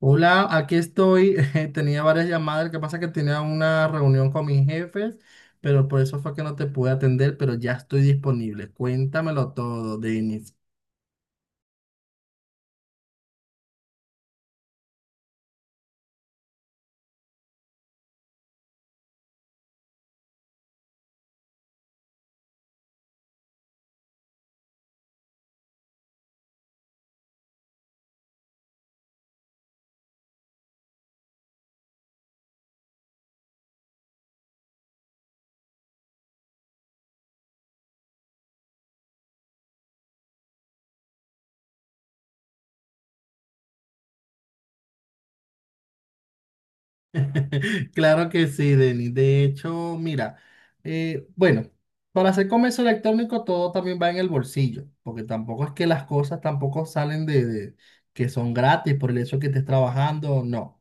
Hola, aquí estoy. Tenía varias llamadas. Lo que pasa es que tenía una reunión con mis jefes, pero por eso fue que no te pude atender, pero ya estoy disponible. Cuéntamelo todo, Denis. Claro que sí, Denis. De hecho, mira, bueno, para hacer comercio electrónico todo también va en el bolsillo, porque tampoco es que las cosas tampoco salen de que son gratis por el hecho que estés trabajando, no.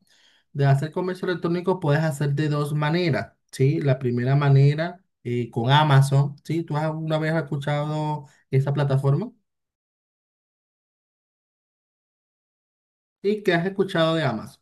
De hacer comercio electrónico puedes hacer de dos maneras, ¿sí? La primera manera con Amazon, ¿sí? ¿Tú has alguna vez escuchado esa plataforma? ¿Y qué has escuchado de Amazon?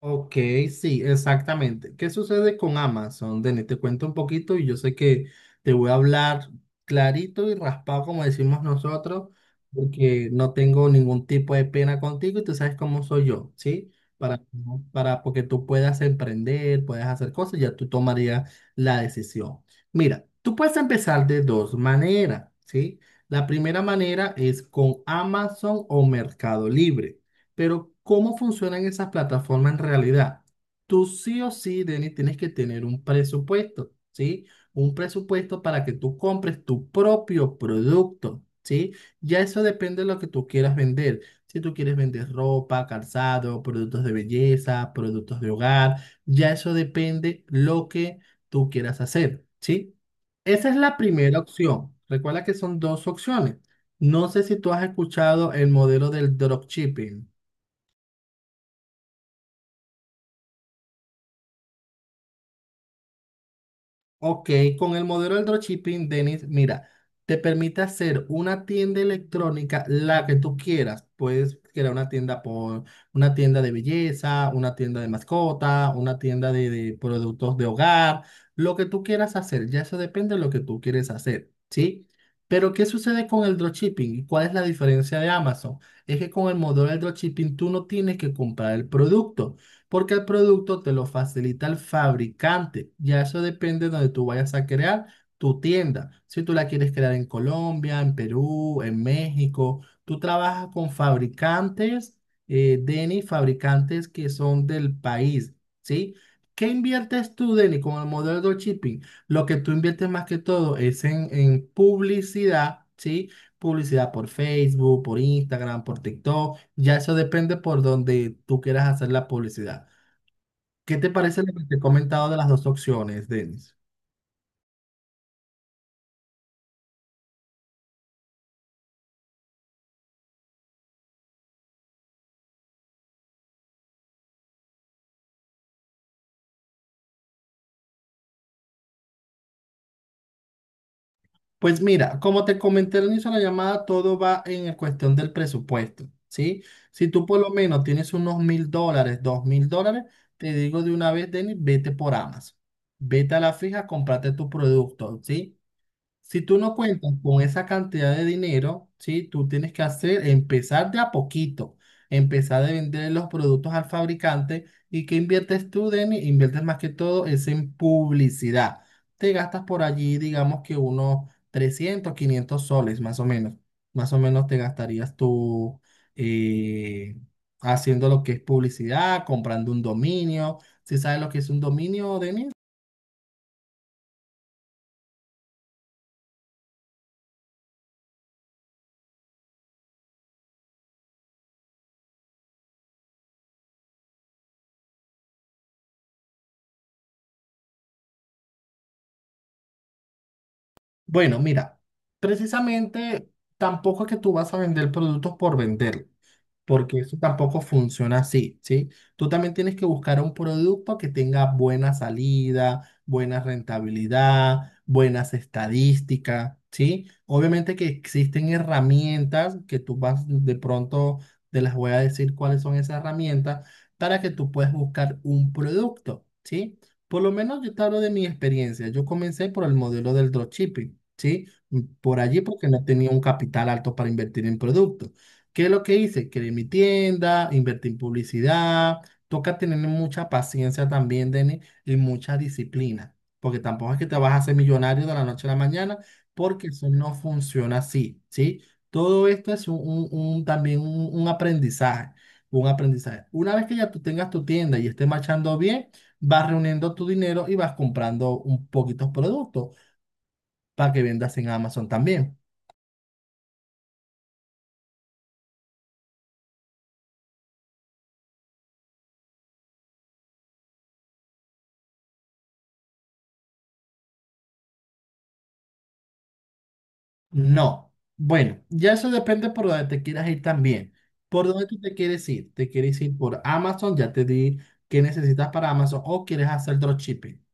Ok, sí, exactamente. ¿Qué sucede con Amazon? Denis, te cuento un poquito y yo sé que te voy a hablar clarito y raspado, como decimos nosotros, porque no tengo ningún tipo de pena contigo y tú sabes cómo soy yo, ¿sí? Para, para porque tú puedas emprender, puedas hacer cosas, ya tú tomarías la decisión. Mira, tú puedes empezar de dos maneras, ¿sí? La primera manera es con Amazon o Mercado Libre. Pero ¿cómo funcionan esas plataformas en realidad? Tú sí o sí, Denis, tienes que tener un presupuesto, ¿sí? Un presupuesto para que tú compres tu propio producto, ¿sí? Ya eso depende de lo que tú quieras vender. Si tú quieres vender ropa, calzado, productos de belleza, productos de hogar, ya eso depende lo que tú quieras hacer, ¿sí? Esa es la primera opción. Recuerda que son dos opciones. No sé si tú has escuchado el modelo del dropshipping. Ok, con el modelo del dropshipping, Denis, mira, te permite hacer una tienda electrónica, la que tú quieras. Puedes crear una tienda por una tienda de belleza, una tienda de mascota, una tienda de productos de hogar, lo que tú quieras hacer. Ya eso depende de lo que tú quieres hacer, ¿sí? Pero, ¿qué sucede con el dropshipping? ¿Y cuál es la diferencia de Amazon? Es que con el modelo del dropshipping tú no tienes que comprar el producto porque el producto te lo facilita el fabricante. Ya eso depende de donde tú vayas a crear tu tienda. Si tú la quieres crear en Colombia, en Perú, en México, tú trabajas con fabricantes, Denny, fabricantes que son del país, ¿sí? ¿Qué inviertes tú, Denny, con el modelo de dropshipping? Lo que tú inviertes más que todo es en publicidad, ¿sí? Publicidad por Facebook, por Instagram, por TikTok, ya eso depende por donde tú quieras hacer la publicidad. ¿Qué te parece lo que te he comentado de las dos opciones, Denis? Pues mira, como te comenté al inicio de la llamada, todo va en el cuestión del presupuesto, ¿sí? Si tú por lo menos tienes unos $1000, $2000, te digo de una vez, Denis, vete por Amazon. Vete a la fija, cómprate tu producto, ¿sí? Si tú no cuentas con esa cantidad de dinero, ¿sí? Tú tienes que hacer, empezar de a poquito, empezar de vender los productos al fabricante. ¿Y qué inviertes tú, Denny? Inviertes más que todo es en publicidad. Te gastas por allí, digamos que unos 300, 500 soles, más o menos. Más o menos te gastarías tú eh, haciendo lo que es publicidad, comprando un dominio. ¿Sí sabes lo que es un dominio, Denny? Bueno, mira, precisamente tampoco es que tú vas a vender productos por vender porque eso tampoco funciona así, ¿sí? Tú también tienes que buscar un producto que tenga buena salida, buena rentabilidad, buenas estadísticas, ¿sí? Obviamente que existen herramientas que tú vas de pronto, te las voy a decir cuáles son esas herramientas para que tú puedas buscar un producto, ¿sí? Por lo menos yo te hablo de mi experiencia. Yo comencé por el modelo del dropshipping, ¿sí? Por allí porque no tenía un capital alto para invertir en productos. ¿Qué es lo que hice? Creé mi tienda, invertí en publicidad. Toca tener mucha paciencia también, Denis, y mucha disciplina, porque tampoco es que te vas a hacer millonario de la noche a la mañana, porque eso no funciona así, ¿sí? Todo esto es también un aprendizaje, un aprendizaje. Una vez que ya tú tengas tu tienda y estés marchando bien, vas reuniendo tu dinero y vas comprando un poquitos productos para que vendas en Amazon también. No. Bueno, ya eso depende por donde te quieras ir también. ¿Por dónde tú te quieres ir? ¿Te quieres ir por Amazon? Ya te di qué necesitas para Amazon. ¿O quieres hacer dropshipping?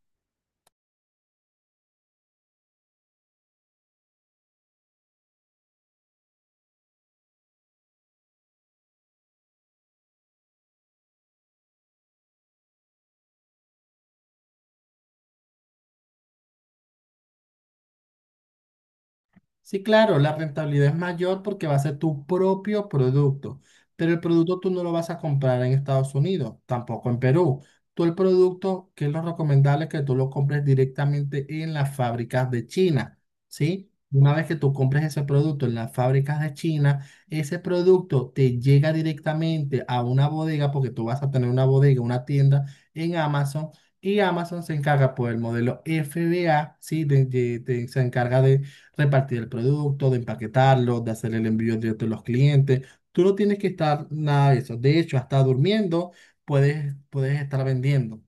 Sí, claro, la rentabilidad es mayor porque va a ser tu propio producto, pero el producto tú no lo vas a comprar en Estados Unidos, tampoco en Perú. Tú el producto, que es lo recomendable, es que tú lo compres directamente en las fábricas de China, ¿sí? Una vez que tú compres ese producto en las fábricas de China, ese producto te llega directamente a una bodega porque tú vas a tener una bodega, una tienda en Amazon y Amazon se encarga por el modelo FBA, ¿sí? Se encarga de repartir el producto, de empaquetarlo, de hacer el envío directo a los clientes. Tú no tienes que estar nada de eso. De hecho, hasta durmiendo puedes estar vendiendo.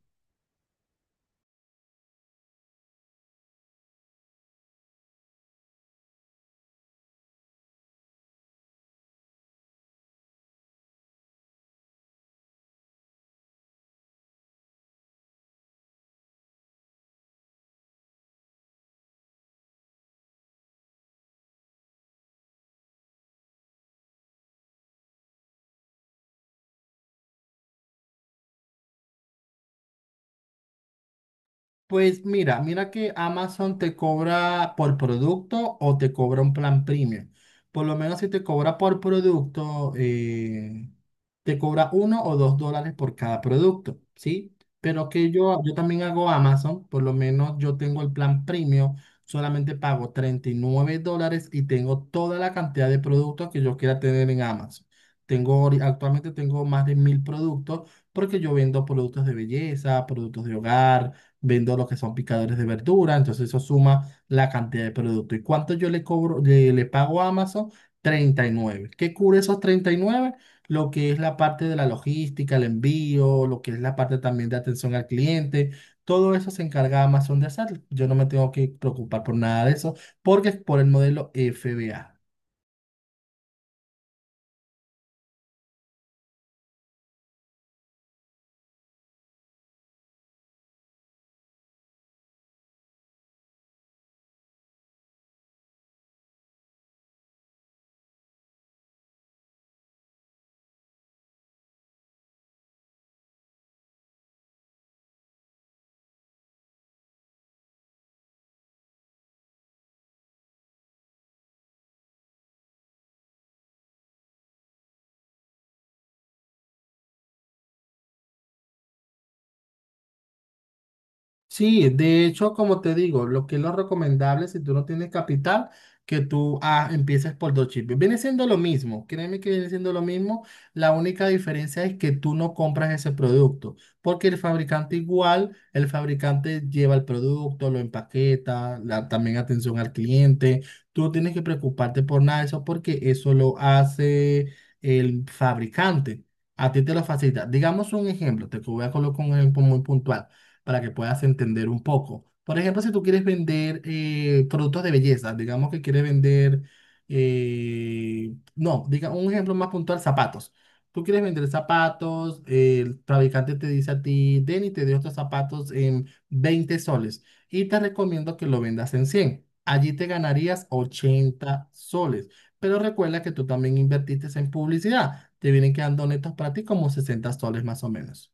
Pues mira, que Amazon te cobra por producto o te cobra un plan premium. Por lo menos si te cobra por producto, te cobra 1 o 2 dólares por cada producto, ¿sí? Pero que yo también hago Amazon, por lo menos yo tengo el plan premium, solamente pago $39 y tengo toda la cantidad de productos que yo quiera tener en Amazon. Tengo, actualmente tengo más de 1000 productos porque yo vendo productos de belleza, productos de hogar, vendo lo que son picadores de verdura, entonces eso suma la cantidad de producto. ¿Y cuánto yo le pago a Amazon? 39. ¿Qué cubre esos 39? Lo que es la parte de la logística, el envío, lo que es la parte también de atención al cliente. Todo eso se encarga Amazon de hacer. Yo no me tengo que preocupar por nada de eso porque es por el modelo FBA. Sí, de hecho, como te digo, lo que es lo recomendable si tú no tienes capital, que tú empieces por dos chips. Viene siendo lo mismo, créeme que viene siendo lo mismo. La única diferencia es que tú no compras ese producto, porque el fabricante igual, el fabricante lleva el producto, lo empaqueta, la, también atención al cliente. Tú no tienes que preocuparte por nada de eso, porque eso lo hace el fabricante. A ti te lo facilita. Digamos un ejemplo, te voy a colocar un ejemplo muy puntual para que puedas entender un poco. Por ejemplo, si tú quieres vender productos de belleza, digamos que quieres vender, no, diga un ejemplo más puntual, zapatos. Tú quieres vender zapatos, el fabricante te dice a ti, Denny, te dio estos zapatos en 20 soles y te recomiendo que lo vendas en 100. Allí te ganarías 80 soles. Pero recuerda que tú también invertiste en publicidad. Te vienen quedando netos para ti como 60 soles más o menos.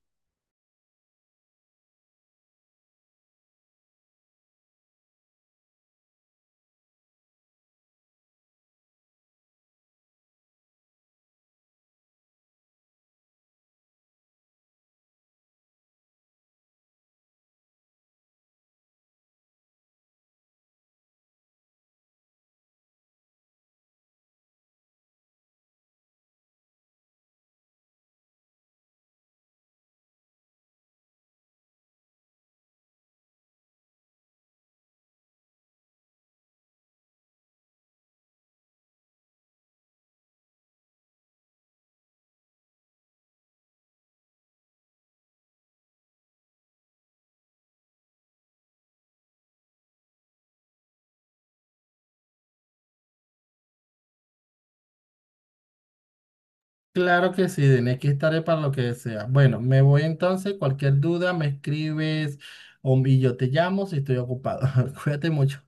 Claro que sí, Denis, aquí estaré para lo que sea. Bueno, me voy entonces. Cualquier duda me escribes o, y yo te llamo si estoy ocupado. Cuídate mucho.